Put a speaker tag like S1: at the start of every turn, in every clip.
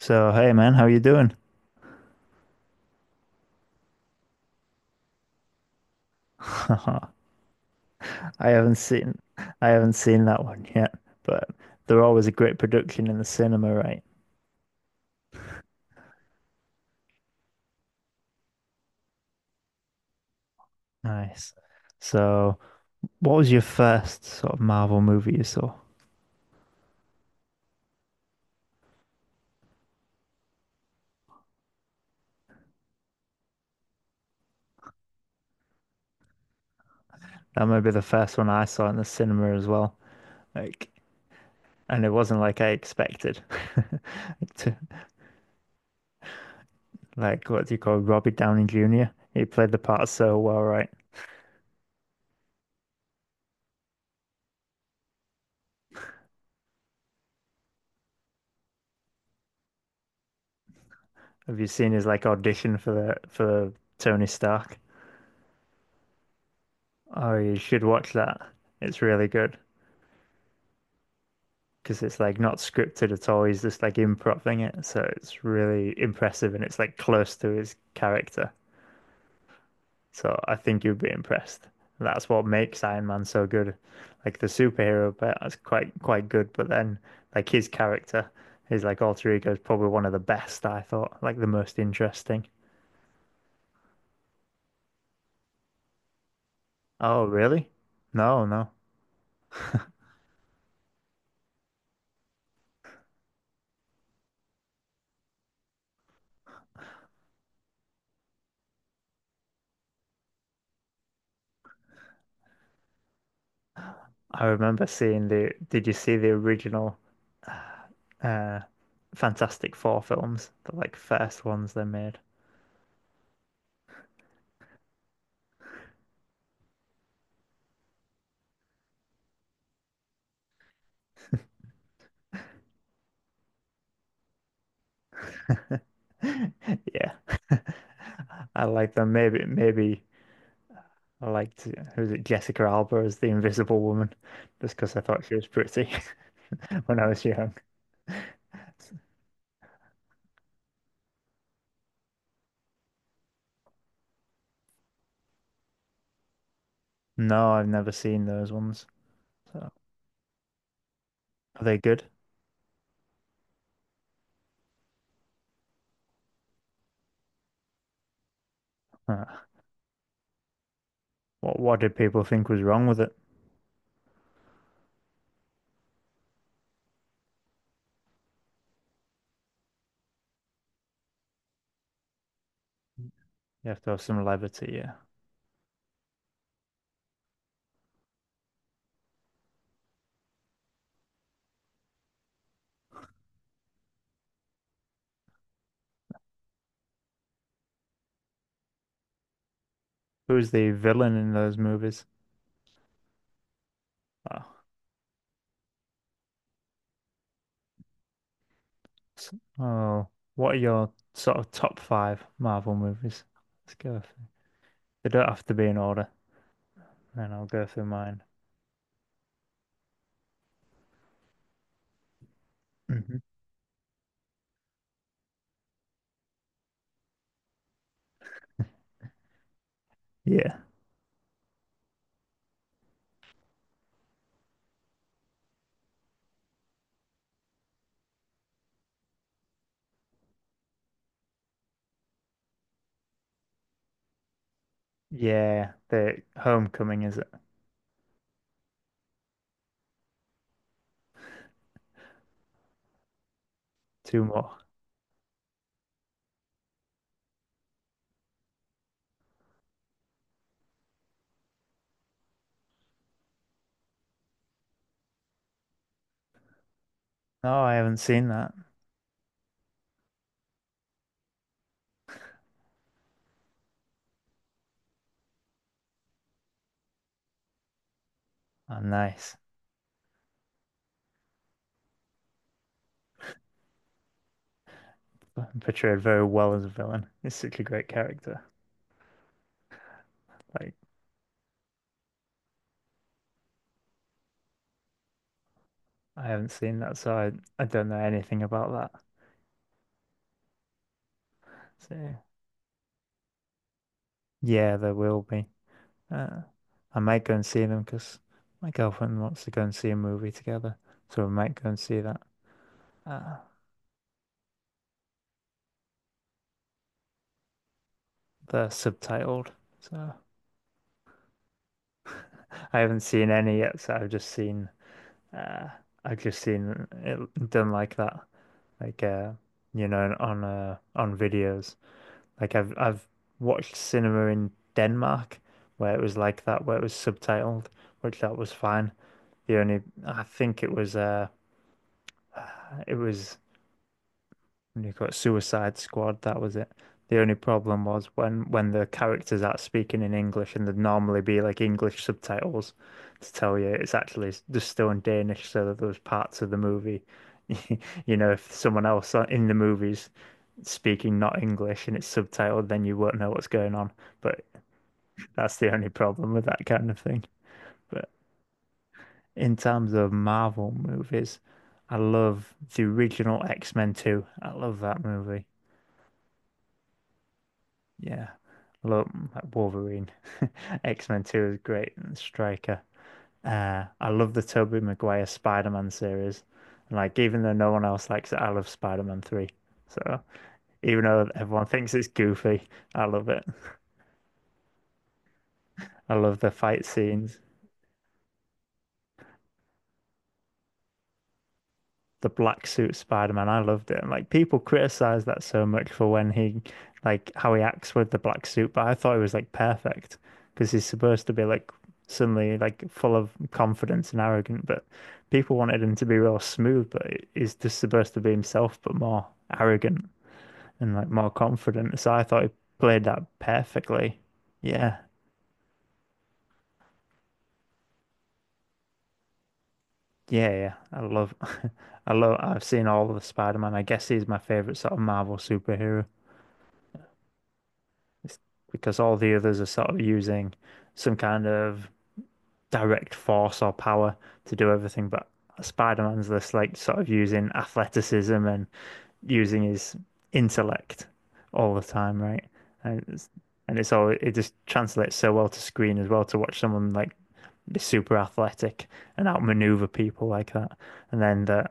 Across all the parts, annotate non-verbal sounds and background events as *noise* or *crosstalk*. S1: So, hey man, how you doing? *laughs* I haven't seen I haven't seen that one yet, but they're always a great production in the cinema, right? Nice. So, what was your first sort of Marvel movie you saw? That might be the first one I saw in the cinema as well. Like, and it wasn't like I expected. *laughs* To- Like, what do you call Robbie Downey Jr.? He played the part so well, right? Have you seen his like audition for the for Tony Stark? Oh, you should watch that. It's really good. Because it's like not scripted at all. He's just like improvising it, so it's really impressive and it's like close to his character. So I think you'd be impressed. That's what makes Iron Man so good. Like the superhero bit is quite good, but then like his character, his like alter ego is probably one of the best I thought, like the most interesting. Oh, really? No, no. I remember seeing the. Did you see the original uh, Fantastic Four films, the like first ones they made? *laughs* Yeah. *laughs* I like them. Maybe I liked, who's it, Jessica Alba as the Invisible Woman, just because I thought she was pretty *laughs* when I was young. No, I've never seen those ones. So, are they good? Uh, what did people think was wrong with it? You have to have some levity, yeah. Who's the villain in those movies? Oh, s- oh, what are your sort of top five Marvel movies? Let's go. Through. They don't have to be in order, and I'll go through mine. Mhm. Yeah. Yeah. The Homecoming, is it? Two more. No, I haven't seen that. Oh, nice. Portrayed very well as a villain. He's such a great character. Like, I haven't seen that, so I don't know anything about that. So, yeah, there will be. Uh, I might go and see them because my girlfriend wants to go and see a movie together. So we might go and see that. Uh, they're subtitled. So *laughs* I haven't seen any yet, so I've just uh, I've just seen it done like that. Like you know on videos, like I've watched cinema in Denmark where it was like that, where it was subtitled, which that was fine. The only, I think it was *sighs* it was, and you got Suicide Squad, that was it. The only problem was when the characters are speaking in English and there'd normally be like English subtitles to tell you it's actually s- just still in Danish, so that those parts of the movie, *laughs* you know, if someone else on- in the movies speaking not English and it's subtitled, then you won't know what's going on. But that's the only problem with that kind of thing. But in terms of Marvel movies, I love the original X-Men 2. I love that movie. Yeah. I Love like Wolverine. *laughs* X-Men 2 is great. And Striker. I love the Tobey Maguire Spider-Man series. And like even though no one else likes it, I love Spider-Man 3. So even though everyone thinks it's goofy, I love it. I love the fight scenes. The black suit Spider-Man. I loved it. And like people criticize that so much for when he, like how he acts with the black suit, but I thought it was like perfect because he's supposed to be like suddenly like full of confidence and arrogant, but people wanted him to be real smooth, but he's just supposed to be himself, but more arrogant and like more confident. So I thought he played that perfectly. Yeah. Yeah, yeah. I love *laughs* I've seen all of the Spider-Man. I guess he's my favorite sort of Marvel superhero. It's because all the others are sort of using some kind of direct force or power to do everything, but Spider-Man's this like sort of using athleticism and using his intellect all the time, right? And it's, and it's all, it just translates so well to screen as well, to watch someone like be super athletic and outmaneuver people like that, and then the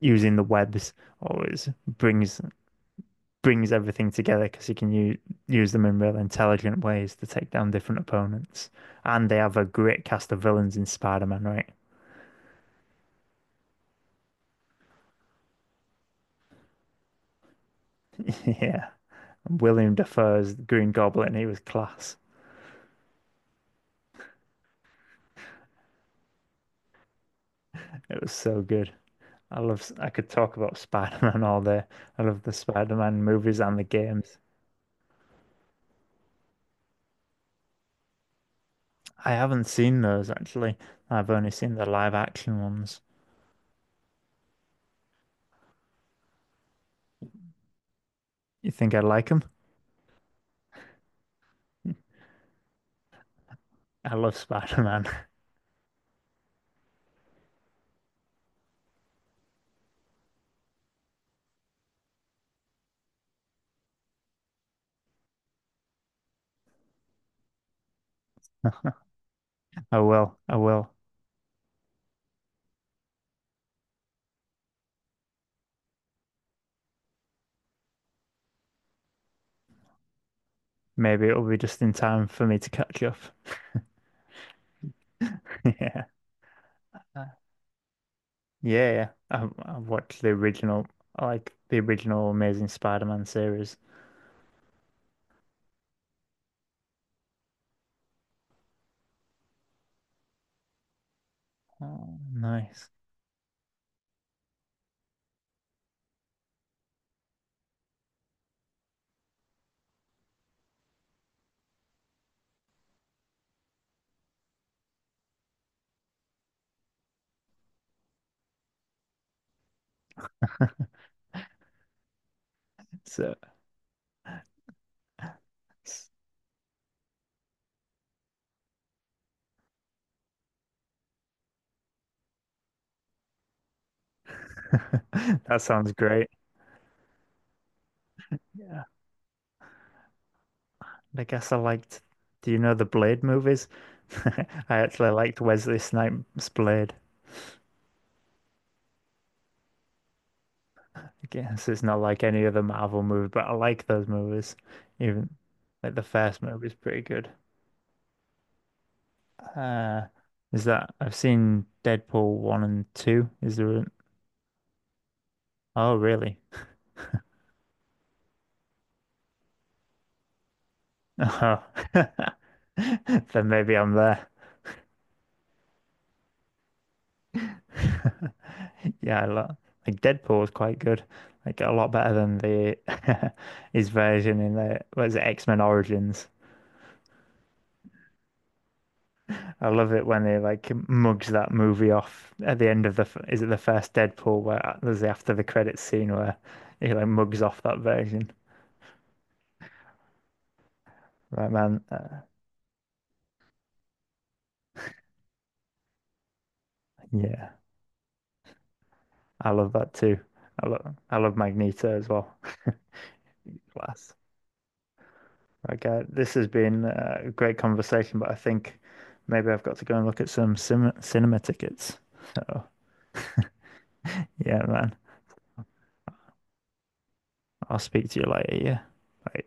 S1: using the webs always brings everything together because he can u use them in real intelligent ways to take down different opponents. And they have a great cast of villains in Spider-Man, right? *laughs* Yeah. William Dafoe's Green Goblin, he was class. It was so good. I love, I could talk about Spider-Man *laughs* all day. I love the Spider-Man movies and the games. I haven't seen those actually. I've only seen the live action ones. You think I like them? I love Spider-Man. *laughs* I will. I will. Maybe it'll be just in time for me to catch up. *laughs* Yeah. Uh, yeah, yeah. I've watched the original, I like the original Amazing Spider-Man series. Oh, nice. So it's- *laughs* that sounds great. Yeah. I guess I liked. Do you know the Blade movies? *laughs* I actually liked Wesley Snipes' Blade. I guess it's not like any other Marvel movie, but I like those movies. Even like the first movie is pretty good. Uh, is that, I've seen Deadpool one and two. Is there? An, oh, really? Oh. *laughs* Then maybe I'm there. *laughs* Yeah, I lo- like Deadpool is quite good. Like a lot better than the *laughs* his version in the what is it, X-Men Origins. I love it when they like mugs that movie off at the end of the f- is it the first Deadpool where there's the after the credits scene where he like mugs off that version. Right, man. Yeah, I love that too. I love Magneto as well. *laughs* Class. Okay, this has been a great conversation, but I think maybe I've got to go and look at some cinema tickets. So, yeah, man, I'll speak to you later. Yeah. Bye.